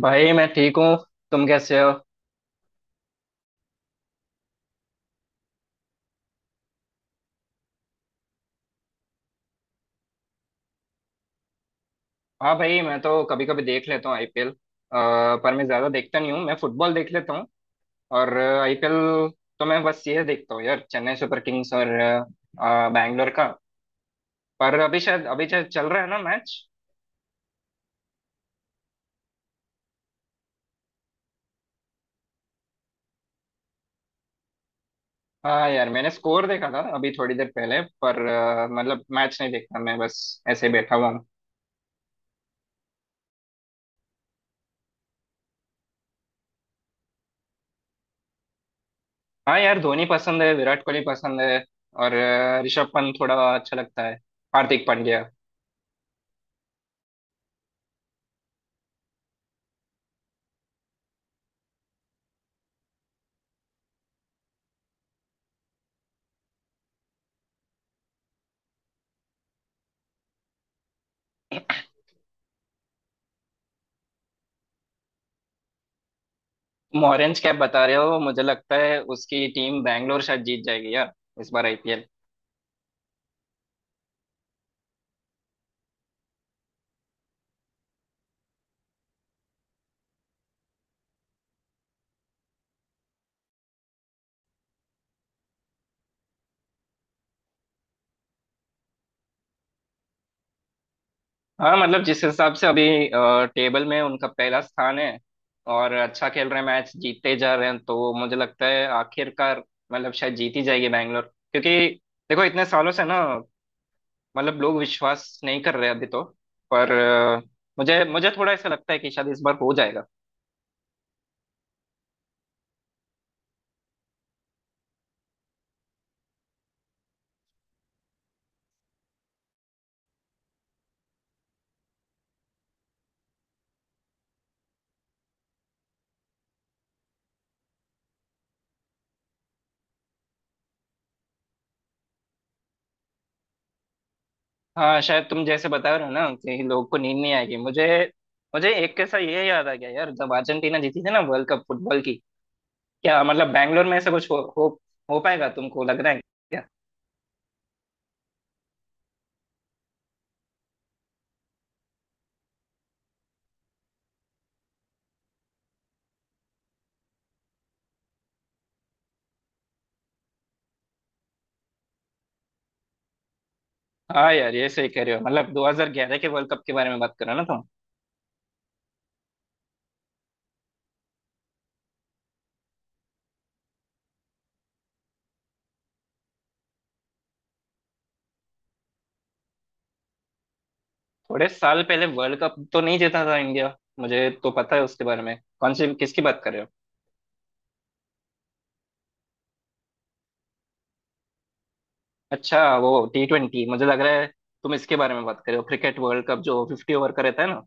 भाई मैं ठीक हूँ। तुम कैसे हो? हाँ भाई, मैं तो कभी कभी देख लेता हूँ IPL। पर मैं ज्यादा देखता नहीं हूँ, मैं फुटबॉल देख लेता हूँ और IPL। तो मैं बस ये देखता हूँ यार, चेन्नई सुपर किंग्स और बैंगलोर का। पर अभी शायद चल रहा है ना मैच। हाँ यार, मैंने स्कोर देखा था अभी थोड़ी देर पहले। पर मतलब मैच नहीं देखता, मैं बस ऐसे ही बैठा हुआ हूँ। हाँ यार, धोनी पसंद है, विराट कोहली पसंद है और ऋषभ पंत थोड़ा अच्छा लगता है। हार्दिक पांड्या। तुम ऑरेंज कैप बता रहे हो, मुझे लगता है उसकी टीम बैंगलोर शायद जीत जाएगी यार, इस बार IPL। हाँ मतलब जिस हिसाब से अभी टेबल में उनका पहला स्थान है और अच्छा खेल रहे हैं, मैच जीतते जा रहे हैं, तो मुझे लगता है आखिरकार मतलब शायद जीत ही जाएगी बैंगलोर। क्योंकि देखो, इतने सालों से ना मतलब लोग विश्वास नहीं कर रहे अभी तो। पर मुझे मुझे थोड़ा ऐसा लगता है कि शायद इस बार हो जाएगा। हाँ शायद तुम जैसे बता रहे हो ना कि लोग को नींद नहीं आएगी। मुझे मुझे एक कैसा ये याद आ गया यार, जब अर्जेंटीना जीती थी ना वर्ल्ड कप फुटबॉल की। क्या मतलब बैंगलोर में ऐसा कुछ हो पाएगा, तुमको लग रहा है क्या? हाँ यार, ये सही कह रहे हो। मतलब 2011 के वर्ल्ड कप के बारे में बात कर रहे हो ना तुम? थोड़े साल पहले वर्ल्ड कप तो नहीं जीता था इंडिया, मुझे तो पता है उसके बारे में। कौन सी किसकी बात कर रहे हो? अच्छा वो T20, मुझे लग रहा है तुम इसके बारे में बात कर रहे हो। क्रिकेट वर्ल्ड कप जो 50 ओवर का रहता है ना।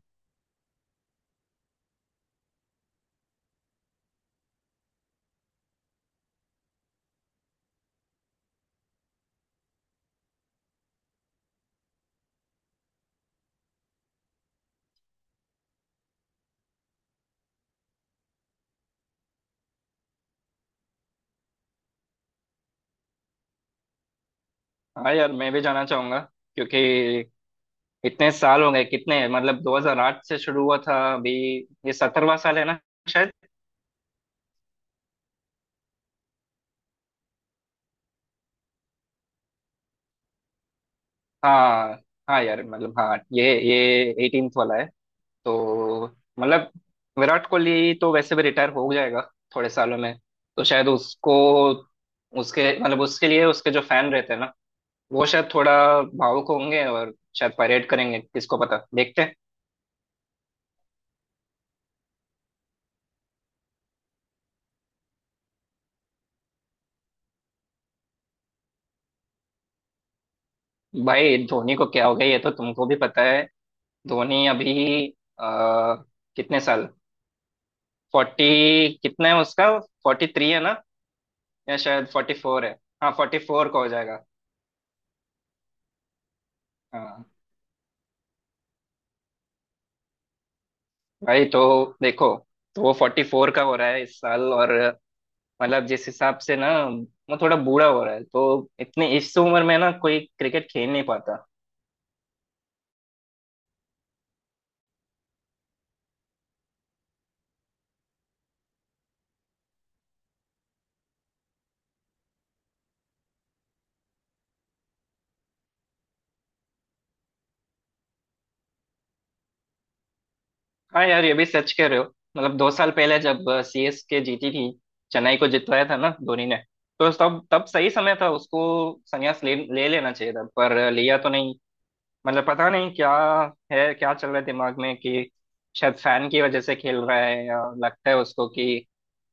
हाँ यार, मैं भी जाना चाहूंगा क्योंकि इतने साल हो गए। कितने, मतलब 2008 से शुरू हुआ था। अभी ये 17वां साल है ना, शायद। हाँ हाँ यार, मतलब हाँ ये 18th वाला है तो। मतलब विराट कोहली तो वैसे भी रिटायर हो जाएगा थोड़े सालों में। तो शायद उसको उसके मतलब उसके लिए उसके जो फैन रहते हैं ना, वो शायद थोड़ा भावुक होंगे और शायद परेड करेंगे, किसको पता। देखते हैं भाई, धोनी को क्या हो गया ये तो तुमको भी पता है। धोनी अभी आ, कितने साल, फोर्टी कितना है उसका? 43 है ना? या शायद 44 है। हाँ, 44 का हो जाएगा। हाँ भाई, तो देखो, तो वो 44 का हो रहा है इस साल। और मतलब जिस हिसाब से ना वो थोड़ा बूढ़ा हो रहा है, तो इतनी इस उम्र में ना कोई क्रिकेट खेल नहीं पाता। हाँ यार, ये भी सच कह रहे हो। मतलब 2 साल पहले जब CSK जीती थी, चेन्नई को जितवाया था ना धोनी ने, तो तब तब सही समय था उसको संन्यास ले ले लेना चाहिए था, पर लिया तो नहीं। मतलब पता नहीं क्या है, क्या चल रहा है दिमाग में कि शायद फैन की वजह से खेल रहा है, या लगता है उसको कि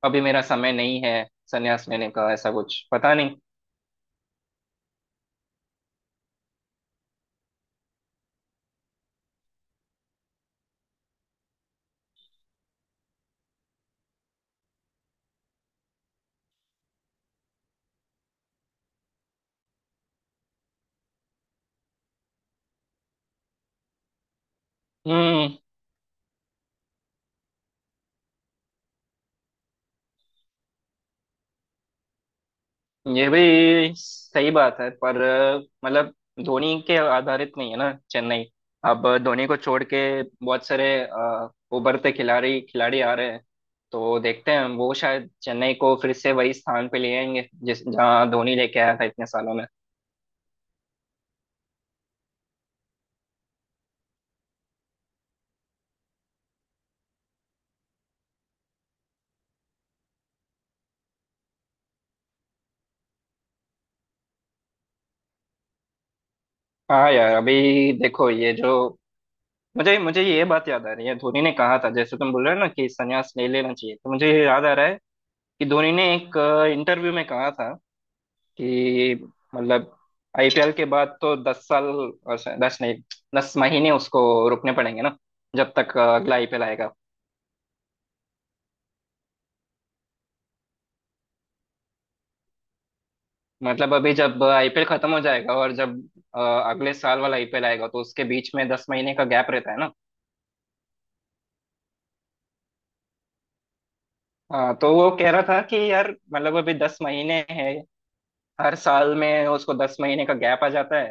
अभी मेरा समय नहीं है संन्यास लेने का। ऐसा कुछ, पता नहीं। हम्म, ये भी सही बात है, पर मतलब धोनी के आधारित नहीं है ना चेन्नई। अब धोनी को छोड़ के बहुत सारे उभरते खिलाड़ी खिलाड़ी आ रहे हैं। तो देखते हैं, वो शायद चेन्नई को फिर से वही स्थान पे ले आएंगे जिस जहाँ धोनी लेके आया था इतने सालों में। हाँ यार, अभी देखो ये जो मुझे मुझे ये बात याद आ रही है। धोनी ने कहा था, जैसे तुम बोल रहे हो ना कि संन्यास नहीं लेना चाहिए, तो मुझे ये याद आ रहा है कि धोनी ने एक इंटरव्यू में कहा था कि मतलब आईपीएल के बाद तो 10 साल और 10 नहीं, 10 महीने उसको रुकने पड़ेंगे ना, जब तक अगला IPL आएगा। मतलब अभी जब IPL खत्म हो जाएगा और जब अगले साल वाला IPL आएगा, तो उसके बीच में 10 महीने का गैप रहता है ना। हाँ तो वो कह रहा था कि यार मतलब अभी 10 महीने हैं, हर साल में उसको 10 महीने का गैप आ जाता है,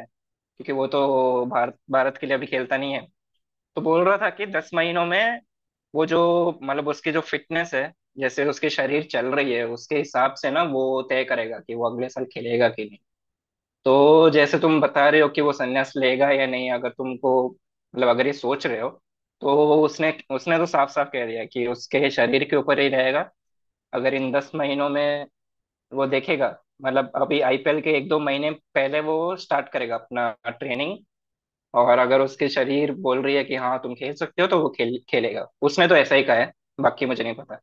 क्योंकि वो तो भारत भारत के लिए अभी खेलता नहीं है। तो बोल रहा था कि 10 महीनों में वो जो मतलब उसकी जो फिटनेस है, जैसे उसके शरीर चल रही है उसके हिसाब से ना वो तय करेगा कि वो अगले साल खेलेगा कि नहीं। तो जैसे तुम बता रहे हो कि वो संन्यास लेगा या नहीं, अगर तुमको मतलब अगर ये सोच रहे हो, तो उसने उसने तो साफ साफ कह दिया कि उसके शरीर के ऊपर ही रहेगा। अगर इन 10 महीनों में वो देखेगा, मतलब अभी IPL के 1-2 महीने पहले वो स्टार्ट करेगा अपना ट्रेनिंग, और अगर उसके शरीर बोल रही है कि हाँ तुम खेल सकते हो, तो वो खेलेगा। उसने तो ऐसा ही कहा है, बाकी मुझे नहीं पता।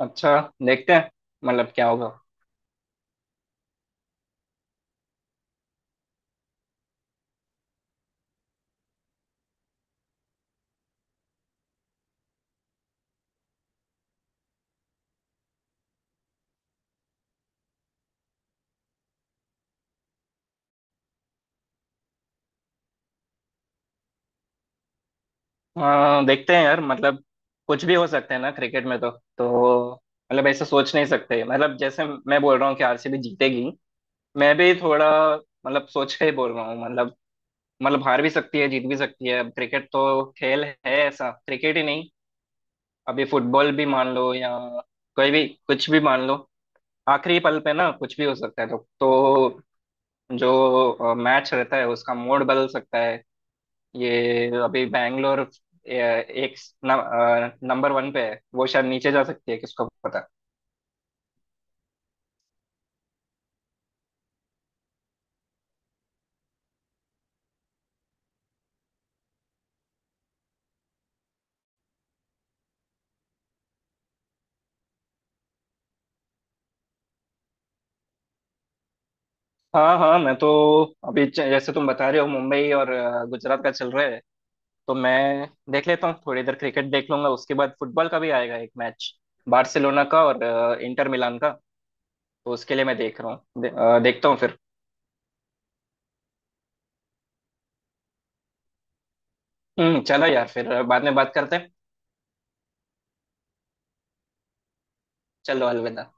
अच्छा, देखते हैं मतलब क्या होगा। हाँ देखते हैं यार, मतलब कुछ भी हो सकता है ना क्रिकेट में। तो मतलब ऐसा सोच नहीं सकते, मतलब जैसे मैं बोल रहा हूँ कि RCB जीतेगी, मैं भी थोड़ा मतलब सोच के ही बोल रहा हूँ। मतलब हार भी सकती है जीत भी सकती है। अब क्रिकेट तो खेल है ऐसा, क्रिकेट ही नहीं, अभी फुटबॉल भी मान लो या कोई भी कुछ भी मान लो, आखिरी पल पे ना कुछ भी हो सकता है। तो जो मैच रहता है उसका मोड बदल सकता है। ये अभी बैंगलोर एक नंबर 1 पे है, वो शायद नीचे जा सकती है, किसको पता। हाँ हाँ, मैं तो अभी जैसे तुम बता रहे हो मुंबई और गुजरात का चल रहा है। तो मैं देख लेता हूँ थोड़ी देर, क्रिकेट देख लूंगा, उसके बाद फुटबॉल का भी आएगा एक मैच, बार्सिलोना का और इंटर मिलान का। तो उसके लिए मैं देख रहा हूँ देखता हूँ फिर। हम्म, चलो यार फिर बाद में बात करते हैं। चलो अलविदा।